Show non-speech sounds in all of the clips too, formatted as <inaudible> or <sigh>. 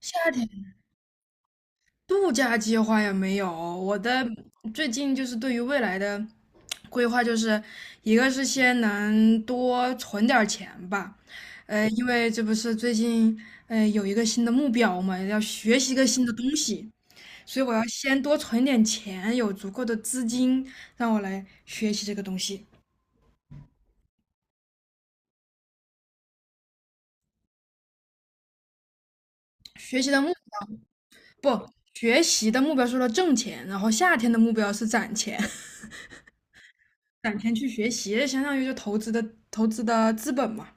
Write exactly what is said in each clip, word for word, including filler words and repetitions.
夏天度假计划也没有，我的最近就是对于未来的规划，就是一个是先能多存点儿钱吧，呃，因为这不是最近呃有一个新的目标嘛，要学习一个新的东西，所以我要先多存点钱，有足够的资金让我来学习这个东西。学习的目，不，学习的目标是为了挣钱，然后夏天的目标是攒钱。攒钱去学习，相当于就投资的投资的资本嘛。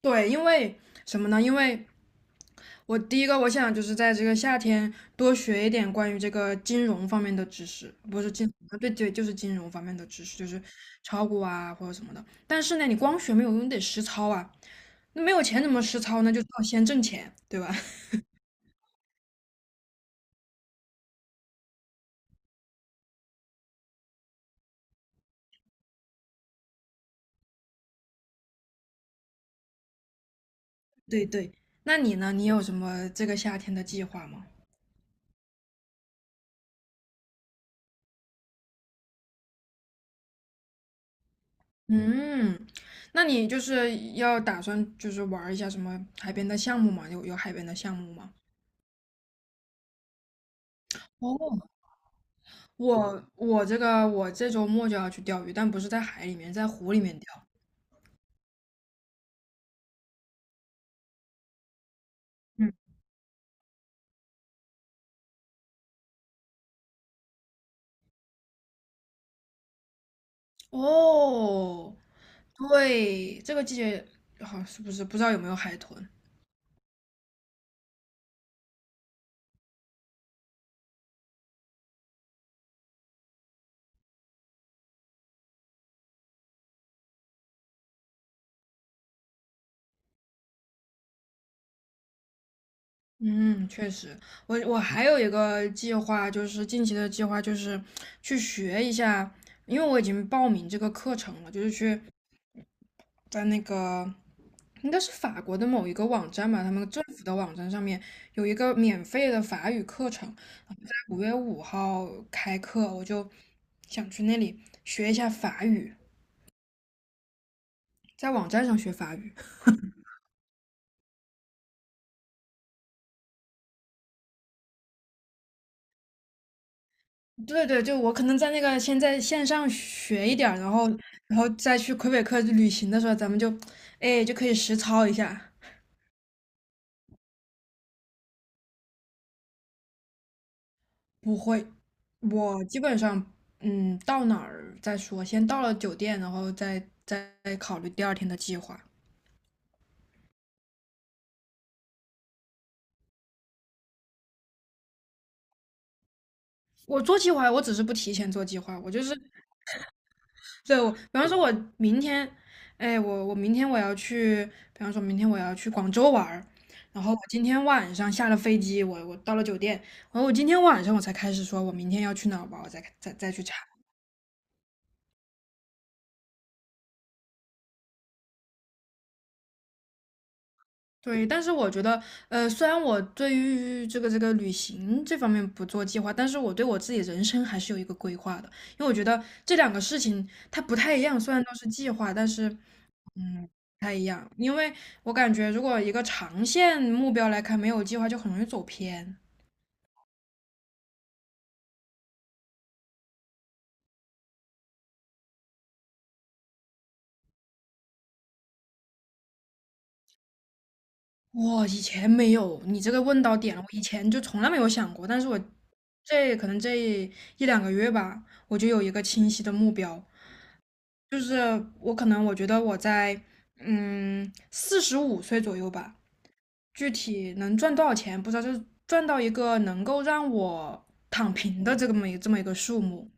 对，因为什么呢？因为我第一个我想就是在这个夏天多学一点关于这个金融方面的知识，不是金，对对，就是金融方面的知识，就是炒股啊或者什么的。但是呢，你光学没有用，你得实操啊。那没有钱怎么实操呢？就是要先挣钱，对吧？<laughs> 对对。那你呢？你有什么这个夏天的计划吗？嗯，那你就是要打算就是玩儿一下什么海边的项目吗？有有海边的项目吗？哦，我我这个我这周末就要去钓鱼，但不是在海里面，在湖里面钓。嗯，哦，对，这个季节好是不是不知道有没有海豚？嗯，确实，我我还有一个计划，就是近期的计划，就是去学一下，因为我已经报名这个课程了，就是去在那个应该是法国的某一个网站吧，他们政府的网站上面有一个免费的法语课程，然后在五月五号开课，我就想去那里学一下法语，在网站上学法语。<laughs> 对对，就我可能在那个先在线上学一点儿然后然后再去魁北克旅行的时候，咱们就哎就可以实操一下。不会，我基本上，嗯，到哪儿再说，先到了酒店，然后再再考虑第二天的计划。我做计划，我只是不提前做计划，我就是，对，我，比方说，我明天，哎，我我明天我要去，比方说明天我要去广州玩儿，然后我今天晚上下了飞机，我我到了酒店，然后我今天晚上我才开始说，我明天要去哪儿玩儿我再再再去查。对，但是我觉得，呃，虽然我对于这个这个旅行这方面不做计划，但是我对我自己人生还是有一个规划的，因为我觉得这两个事情它不太一样，虽然都是计划，但是，嗯，不太一样，因为我感觉如果一个长线目标来看，没有计划就很容易走偏。我以前没有，你这个问到点了，我以前就从来没有想过，但是我这可能这一两个月吧，我就有一个清晰的目标，就是我可能我觉得我在嗯四十五岁左右吧，具体能赚多少钱不知道，就是赚到一个能够让我躺平的这么一这么一个数目，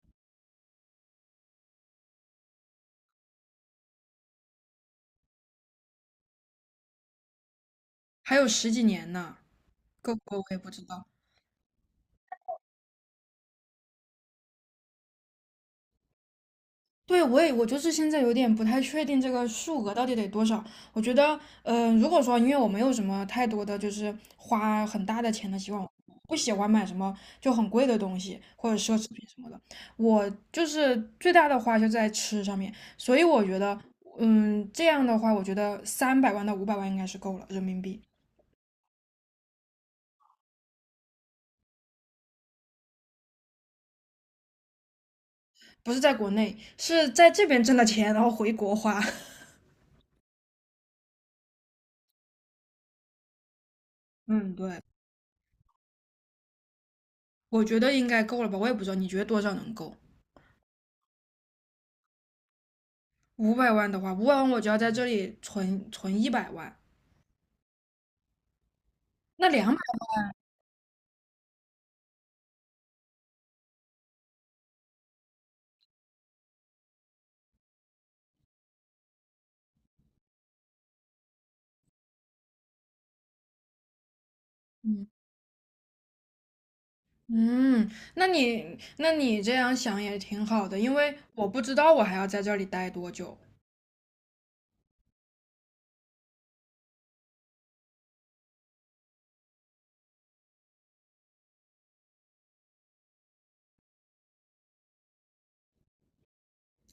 还有十几年呢，够不够我也不知道。对，我也我就是现在有点不太确定这个数额到底得多少。我觉得，嗯、如果说因为我没有什么太多的就是花很大的钱的习惯，不喜欢买什么就很贵的东西或者奢侈品什么的，我就是最大的花就在吃上面。所以我觉得，嗯，这样的话，我觉得三百万到五百万应该是够了人民币，不是在国内，是在这边挣的钱然后回国花。<laughs> 嗯，对，我觉得应该够了吧？我也不知道，你觉得多少能够？五百万的话，五百万我就要在这里存存一百万，那两百，嗯嗯，那你那你这样想也挺好的，因为我不知道我还要在这里待多久。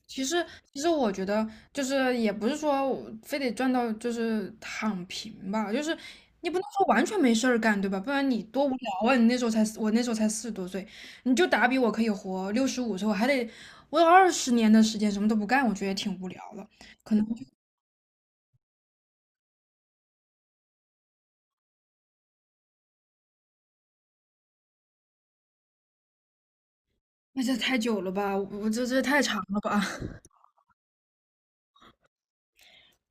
其实其实我觉得就是也不是说我非得赚到就是躺平吧，就是你不能说完全没事儿干，对吧？不然你多无聊啊！你那时候才我那时候才四十多岁，你就打比我可以活六十五岁，我还得我有二十年的时间什么都不干，我觉得也挺无聊了，可能。那这太久了吧？我这这太长了吧？<laughs>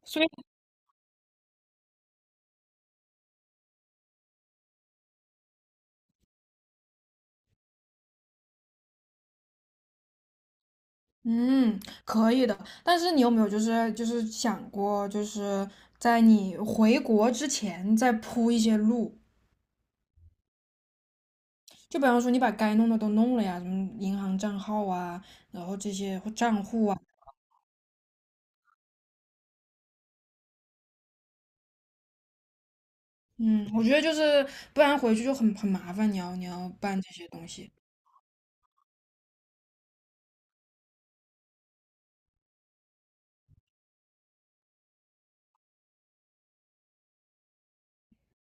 所以嗯，可以的。但是你有没有就是就是想过，就是在你回国之前再铺一些路？就比方说你把该弄的都弄了呀，什么银行账号啊，然后这些或账户啊，嗯，我觉得就是不然回去就很很麻烦，你要你要办这些东西。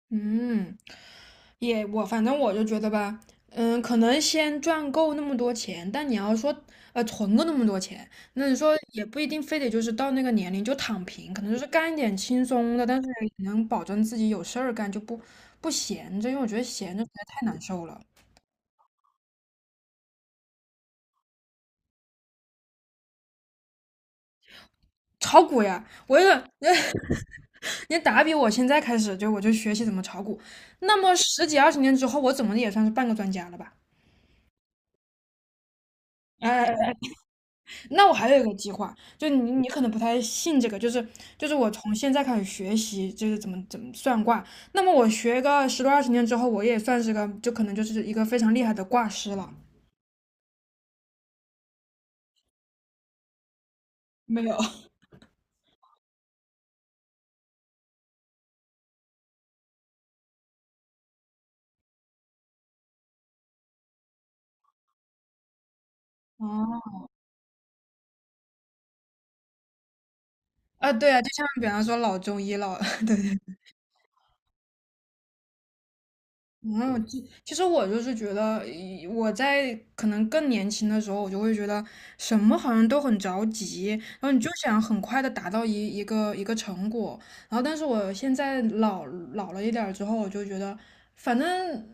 嗯，也我反正我就觉得吧，嗯，可能先赚够那么多钱，但你要说呃存够那么多钱，那你说也不一定非得就是到那个年龄就躺平，可能就是干一点轻松的，但是也能保证自己有事儿干，就不不闲着，因为我觉得闲着实在太难受了。炒股呀，我也 <laughs> 你打比我现在开始就我就学习怎么炒股，那么十几二十年之后，我怎么也算是半个专家了吧？哎。那我还有一个计划，就你你可能不太信这个，就是就是我从现在开始学习，就是怎么怎么算卦。那么我学个十多二十年之后，我也算是个，就可能就是一个非常厉害的卦师了。没有，哦，啊，对啊，就像比方说老中医老，<laughs> 对，嗯，其其实我就是觉得，呃我在可能更年轻的时候，我就会觉得什么好像都很着急，然后你就想很快的达到一一个一个成果。然后，但是我现在老老了一点儿之后，我就觉得，反正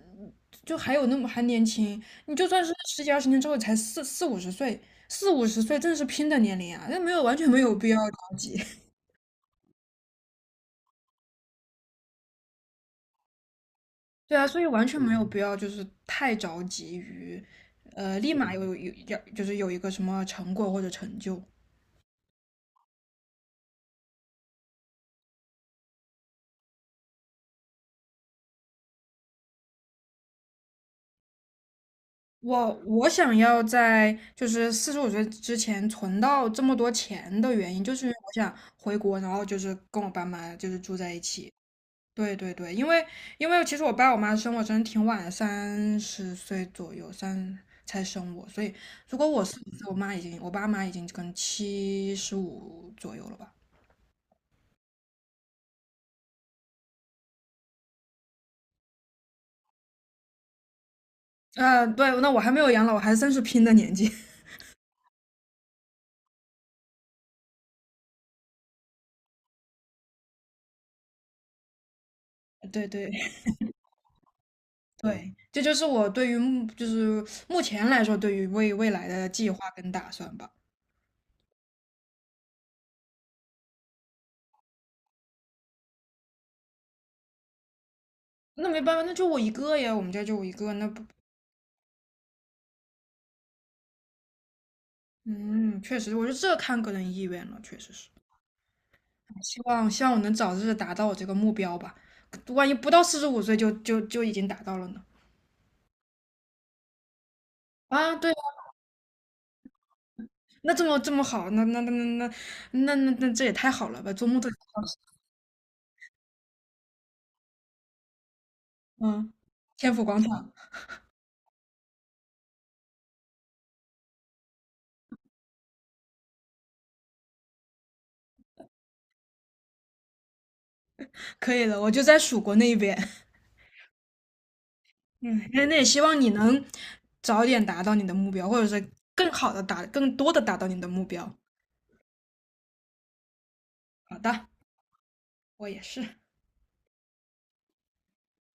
就还有那么还年轻，你就算是十几二十年之后才四四五十岁，四五十岁正是拼的年龄啊，那没有完全没有必要着急。对啊，所以完全没有必要就是太着急于，呃，立马有有要就是有一个什么成果或者成就。我我想要在就是四十五岁之前存到这么多钱的原因，就是因为我想回国，然后就是跟我爸妈就是住在一起。对对对，因为因为其实我爸我妈生我真的挺晚的，三十岁左右三才生我，所以如果我四十岁，我妈已经我爸妈已经跟七十五左右了吧。呃，对，那我还没有养老，我还算是拼的年纪。<laughs> 对对嗯对，这就是我对于目就是目前来说对于未未来的计划跟打算吧。那没办法，那就我一个呀，我们家就我一个，那不，嗯，确实，我觉得这看个人意愿了，确实是。哎希望希望我能早日达到我这个目标吧，万一不到四十五岁就就就已经达到了呢？啊，对啊那这么这么好，那那那那那那那那这也太好了吧，做梦都想到嗯，天府广场。可以的，我就在蜀国那一边。<laughs> 嗯，那那也希望你能早点达到你的目标，或者是更好的达、更多的达到你的目标。好的，我也是。